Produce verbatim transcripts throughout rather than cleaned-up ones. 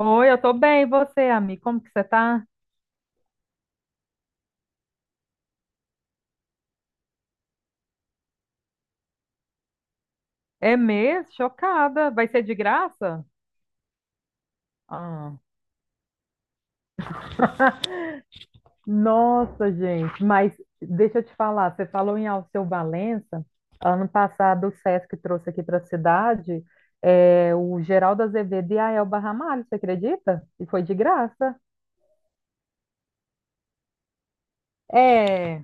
Oi, eu tô bem, e você, amigo? Como que você tá? É mesmo? Chocada. Vai ser de graça? Ah, nossa, gente, mas deixa eu te falar, você falou em Alceu Valença, ano passado o Sesc trouxe aqui para a cidade é, o Geraldo Azevedo e a Elba Ramalho, você acredita? E foi de graça. é,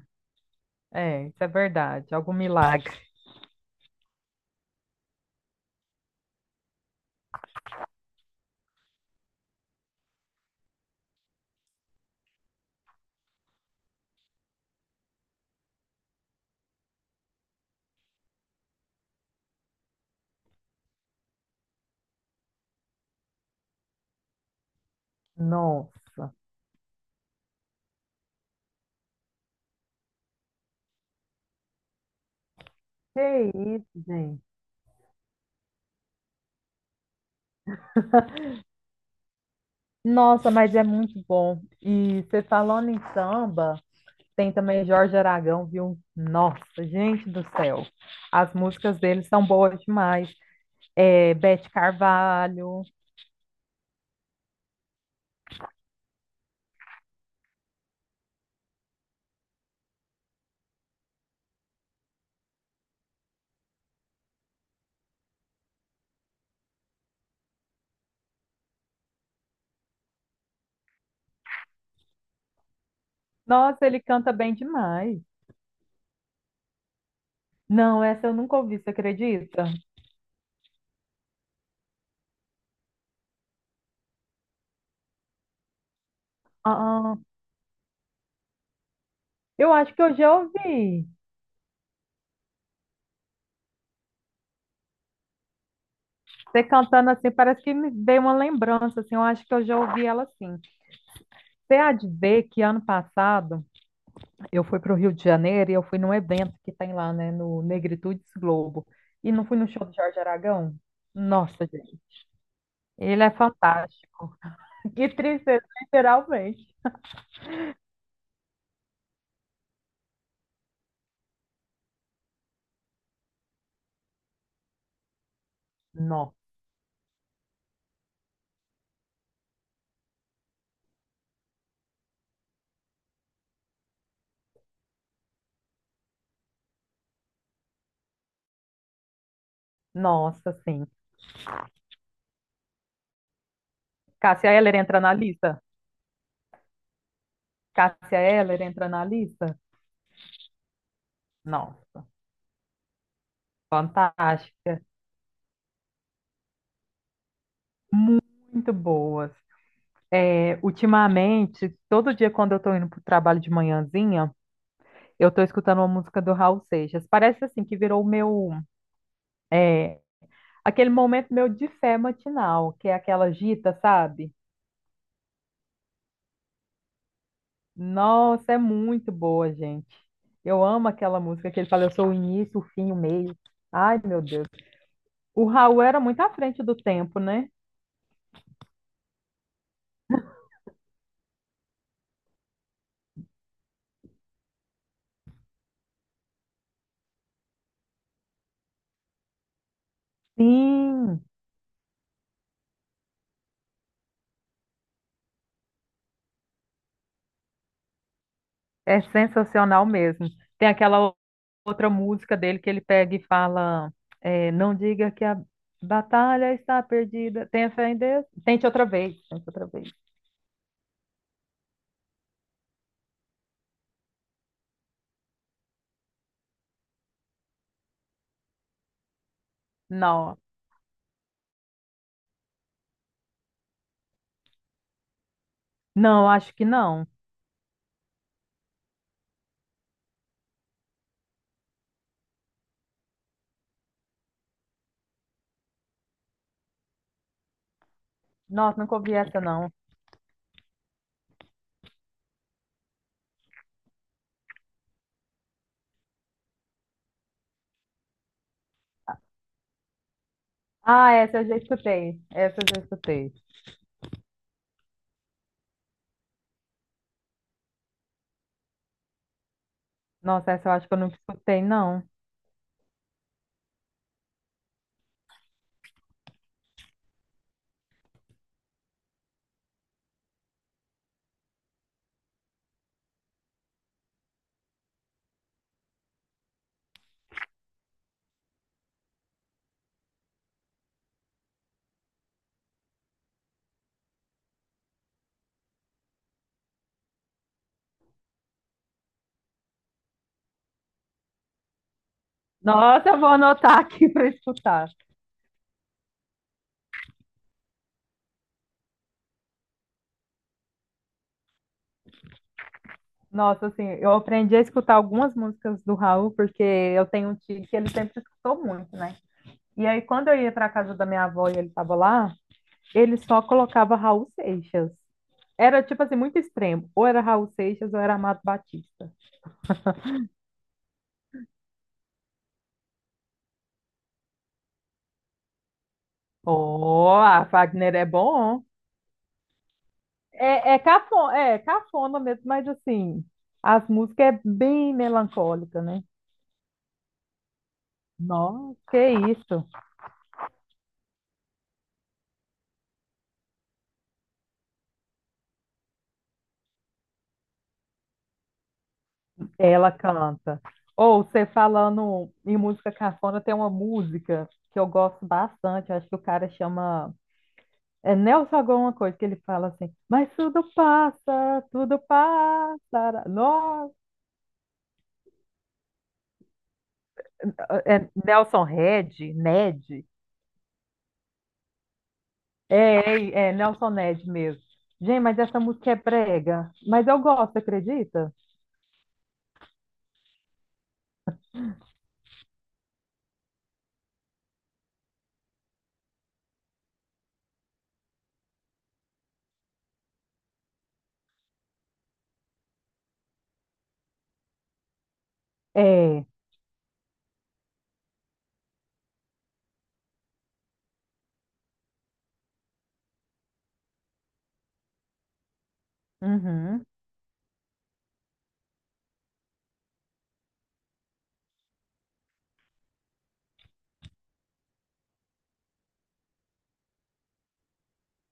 é, isso é verdade. Algum milagre. Nossa, que isso, gente. Nossa, mas é muito bom. E você falando em samba, tem também Jorge Aragão, viu? Nossa, gente do céu. As músicas dele são boas demais. É, Beth Carvalho. Nossa, ele canta bem demais. Não, essa eu nunca ouvi, você acredita? Ah, eu acho que eu já ouvi. Você cantando assim, parece que me veio uma lembrança, assim, eu acho que eu já ouvi ela assim. Você há de ver que ano passado eu fui para o Rio de Janeiro e eu fui num evento que tem lá, né, no Negritudes Globo. E não fui no show do Jorge Aragão? Nossa, gente. Ele é fantástico. Que tristeza, literalmente. No, nossa, sim. Cássia Eller entra na lista? Cássia Eller entra na lista? Não. Fantástica, muito boas. É, ultimamente, todo dia quando eu tô indo pro trabalho de manhãzinha, eu tô escutando uma música do Raul Seixas. Parece assim que virou o meu, é, aquele momento meu de fé matinal, que é aquela gita, sabe? Nossa, é muito boa, gente. Eu amo aquela música que ele fala, eu sou o início, o fim, o meio. Ai, meu Deus. O Raul era muito à frente do tempo, né? Sim, é sensacional mesmo. Tem aquela outra música dele que ele pega e fala, é, não diga que a batalha está perdida. Tenha fé em Deus. Tente outra vez, tente outra vez. Não, não, acho que não. Nossa, nunca ouvi essa, não. Ah, essa eu já escutei. Essa eu já escutei. Nossa, essa eu acho que eu nunca escutei, não. Nossa, eu vou anotar aqui para escutar. Nossa, assim, eu aprendi a escutar algumas músicas do Raul, porque eu tenho um tio que ele sempre escutou muito, né? E aí, quando eu ia para casa da minha avó e ele estava lá, ele só colocava Raul Seixas. Era, tipo assim, muito extremo. Ou era Raul Seixas ou era Amado Batista. Oh, a Wagner é bom. É, é, cafona, é cafona mesmo, mas assim, as músicas é bem melancólica, né? Nossa, que isso. Ela canta. Ou você falando em música cafona, tem uma música que eu gosto bastante. Acho que o cara chama. É Nelson alguma coisa que ele fala assim, mas tudo passa, tudo passa. Nossa, é Nelson Red, Ned. É, é, é Nelson Ned mesmo. Gente, mas essa música é brega. Mas eu gosto, acredita? É. Uhum.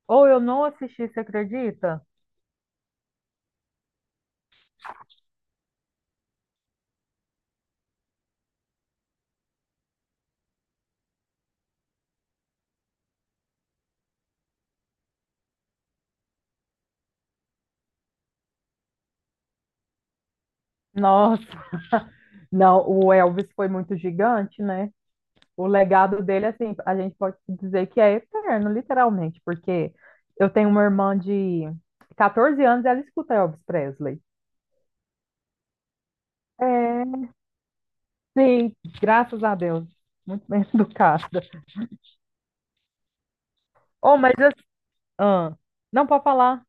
Ou eu não assisti, você acredita? Nossa, não, o Elvis foi muito gigante, né? O legado dele, assim, a gente pode dizer que é eterno, literalmente, porque eu tenho uma irmã de catorze anos e ela escuta Elvis Presley. É, sim, graças a Deus. Muito bem educada. Oh, mas assim, ah, não pode falar.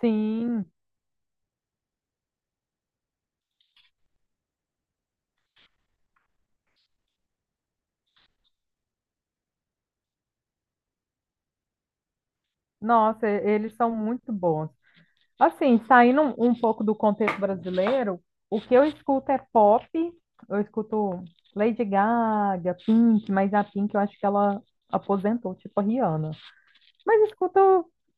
Sim, nossa, e- eles são muito bons. Assim, saindo um, um pouco do contexto brasileiro, o que eu escuto é pop, eu escuto Lady Gaga, Pink, mas a Pink eu acho que ela aposentou, tipo a Rihanna. Mas escuto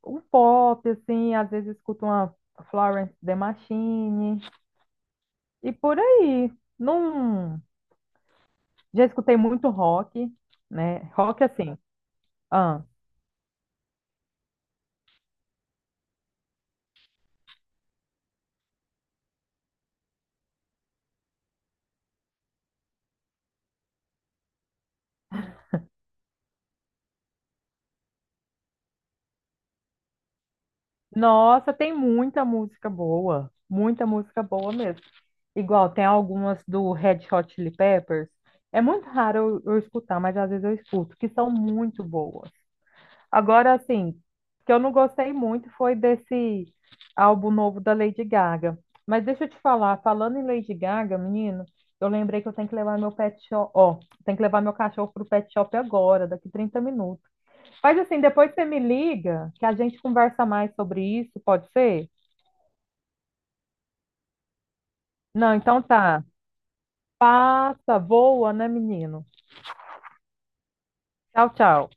um pop, assim, às vezes escuto uma Florence and The Machine e por aí. Não, já escutei muito rock, né? Rock assim. Ah, nossa, tem muita música boa, muita música boa mesmo. Igual tem algumas do Red Hot Chili Peppers. É muito raro eu, eu escutar, mas às vezes eu escuto, que são muito boas. Agora, assim, o que eu não gostei muito foi desse álbum novo da Lady Gaga. Mas deixa eu te falar, falando em Lady Gaga, menino, eu lembrei que eu tenho que levar meu pet shop, ó, tenho que levar meu cachorro pro pet shop agora, daqui trinta minutos. Mas assim, depois você me liga, que a gente conversa mais sobre isso, pode ser? Não, então tá. Passa, voa, né, menino? Tchau, tchau.